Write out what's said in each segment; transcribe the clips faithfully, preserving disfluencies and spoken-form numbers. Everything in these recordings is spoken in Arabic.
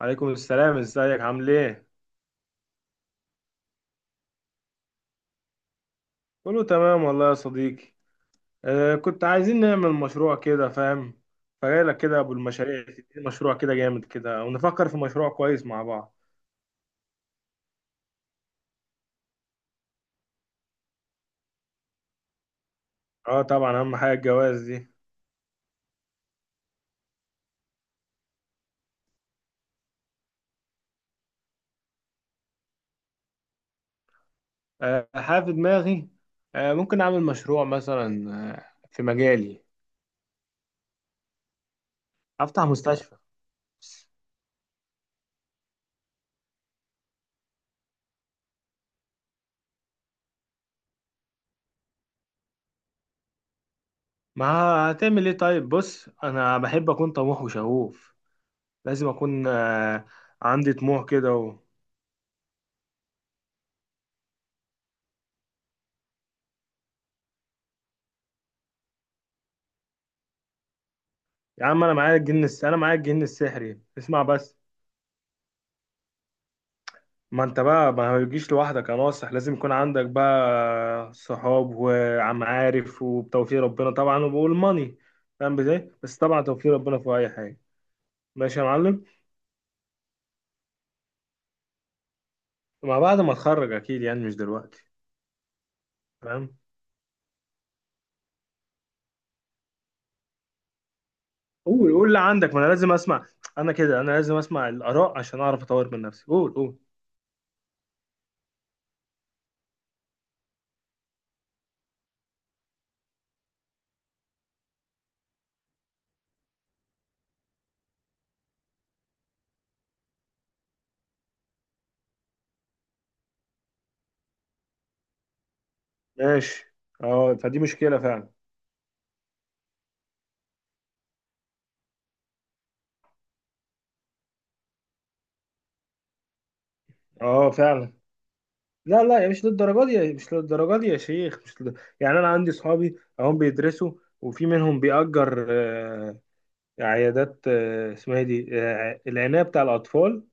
عليكم السلام، ازيك؟ عامل ايه؟ كله تمام والله يا صديقي. آه كنت عايزين نعمل مشروع كده، فاهم؟ فجاي لك كده ابو المشاريع تديني مشروع كده جامد كده، ونفكر في مشروع كويس مع بعض. اه، طبعا اهم حاجه الجواز دي. آه، حاجه في دماغي. آه ممكن اعمل مشروع مثلا. آه في مجالي. افتح مستشفى. ما هتعمل ايه؟ طيب، بص، انا بحب اكون طموح وشغوف. لازم اكون آه عندي طموح كده و... يا عم، انا معايا الجن الس... انا معايا الجن السحري، اسمع بس. ما انت بقى ما بيجيش لوحدك يا ناصح، لازم يكون عندك بقى صحاب وعمعارف وبتوفيق ربنا طبعا والماني. فاهم ازاي؟ بس طبعا توفيق ربنا في اي حاجه. ماشي يا معلم. ما بعد ما اتخرج اكيد، يعني مش دلوقتي. فاهم؟ قول قول اللي عندك، ما انا لازم اسمع. انا كده، انا لازم اسمع الاراء عشان اعرف اطور من نفسي. قول قول. ماشي. اه، فدي مشكله فعلا. اه، فعلا. لا لا، يا مش للدرجه دي يا- مش للدرجه دي يا شيخ، مش لد... يعني انا عندي صحابي اهم بيدرسوا، وفي منهم بيأجر آه، عيادات، آه، اسمها إيه دي؟ آه، العناية بتاع الأطفال،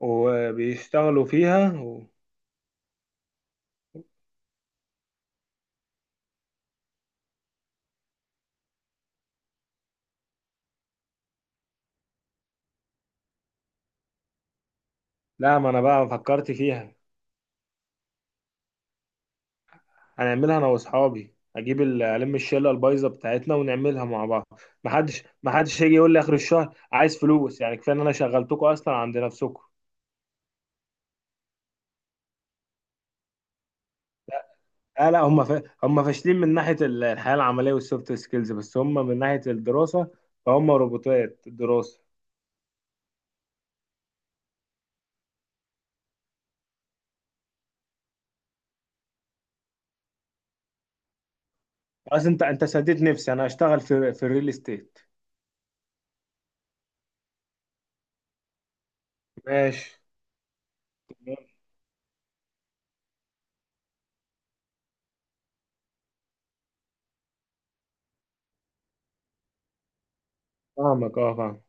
وبيشتغلوا فيها و... لا، ما انا بقى فكرت فيها. هنعملها انا واصحابي، اجيب ال- الم الشله البايظه بتاعتنا ونعملها مع بعض. محدش محدش يجي يقول لي اخر الشهر عايز فلوس، يعني كفايه ان انا شغلتكم اصلا عند نفسكم. لا لا، هم ف... هم فاشلين من ناحية ال- الحياة العملية والسوفت سكيلز، بس هم من ناحية الدراسة فهم روبوتات الدراسة. خلاص، انت انت سديت نفسي. انا هشتغل في في الريل استيت. ماشي. فاهمك، اه، فاهم.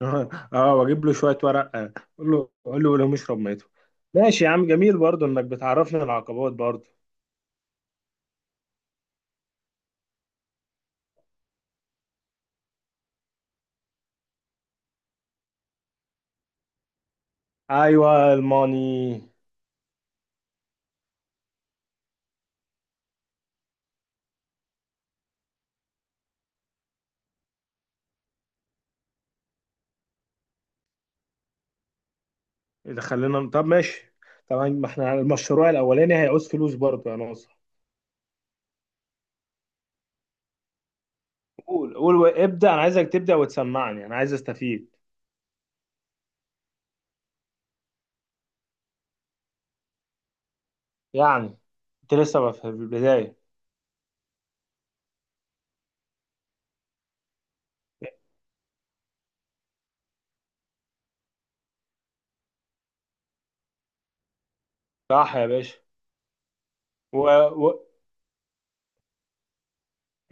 اه، واجيب له شوية ورق، آه، اقول له، اقول له قول لهم اشرب ميته. ماشي يا عم، جميل برضو انك بتعرفني العقبات برضو. ايوه، الماني. اذا خلينا، طب ماشي. طبعا، ما احنا المشروع الاولاني هيعوز فلوس برضو يا ناصر. قول قول ابدا، انا عايزك تبدا وتسمعني، انا عايز استفيد. يعني انت لسه في البدايه. صح يا باشا. و... و...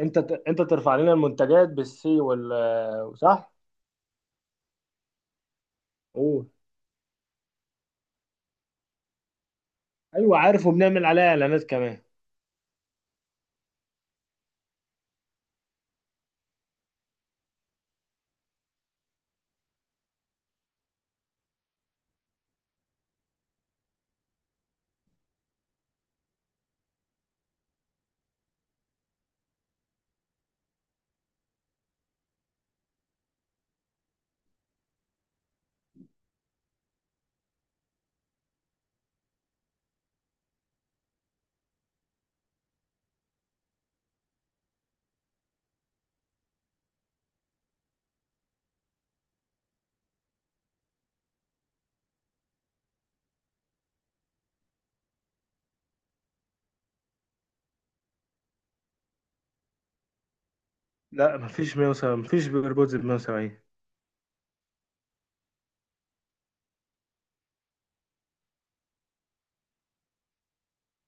انت ت... انت ترفع لنا المنتجات بالسي وال صح؟ قول. ايوه عارف، وبنعمل عليها اعلانات كمان. لا، مفيش مية وسبعين، مفيش بيربودز ب مية وسبعين.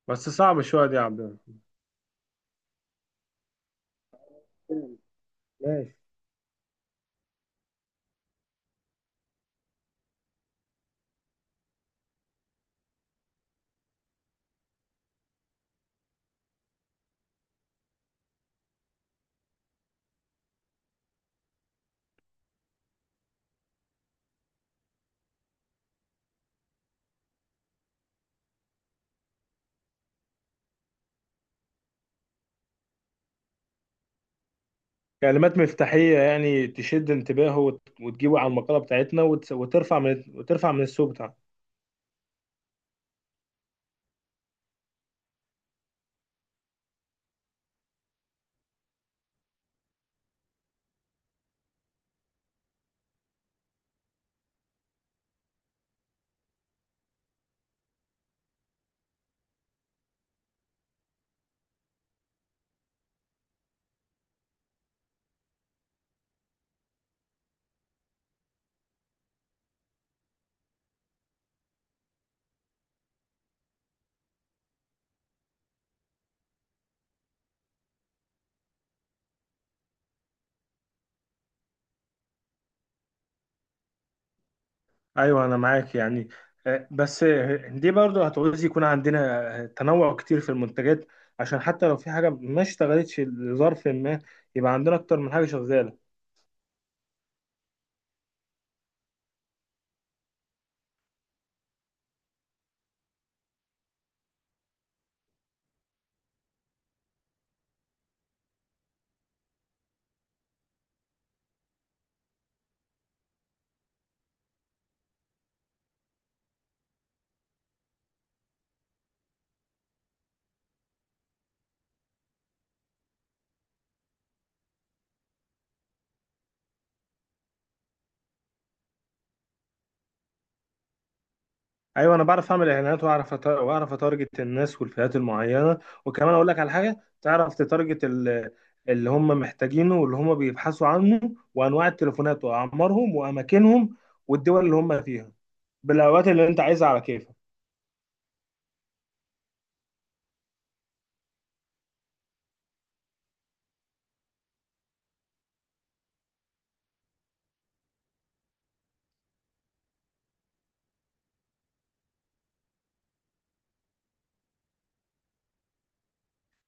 بس صعب شويه دي يا عبد الله. ماشي. كلمات مفتاحيه، يعني تشد انتباهه وت... وتجيبه على المقاله بتاعتنا، وت... وترفع من وترفع من السوق. ايوه، انا معاك يعني. آه، بس، آه، دي برضه هتعوز يكون عندنا آه، تنوع كتير في المنتجات، عشان حتى لو في حاجه ما اشتغلتش لظرف ما، يبقى عندنا اكتر من حاجه شغاله. ايوه، انا بعرف اعمل اعلانات، واعرف أت- واعرف اتارجت الناس والفئات المعينه. وكمان اقول لك على حاجه. تعرف تتارجت ال- اللي هم محتاجينه واللي هم بيبحثوا عنه، وانواع التليفونات واعمارهم واماكنهم، والدول اللي هم فيها، بالاوقات اللي انت عايزها على كيف.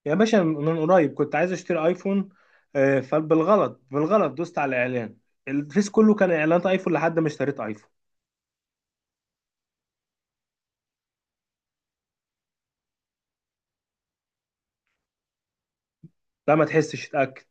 يا باشا، من قريب كنت عايز اشتري ايفون. آه، فبالغلط بالغلط دوست على الاعلان. الفيس كله كان اعلانات ايفون لحد ما اشتريت ايفون. لا، ما تحسش، اتاكد.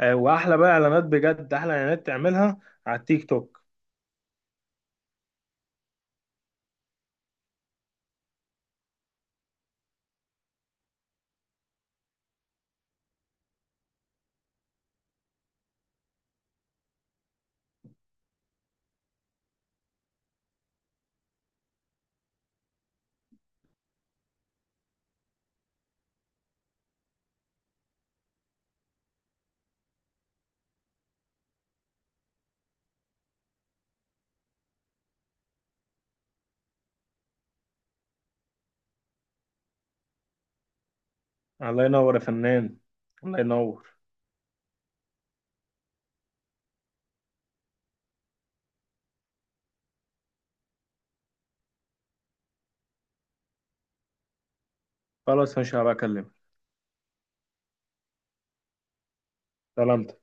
آه، واحلى بقى اعلانات بجد، احلى اعلانات تعملها على التيك توك. الله ينور يا فنان، الله ينور. خلاص، مش هبقى اكلمك. سلام.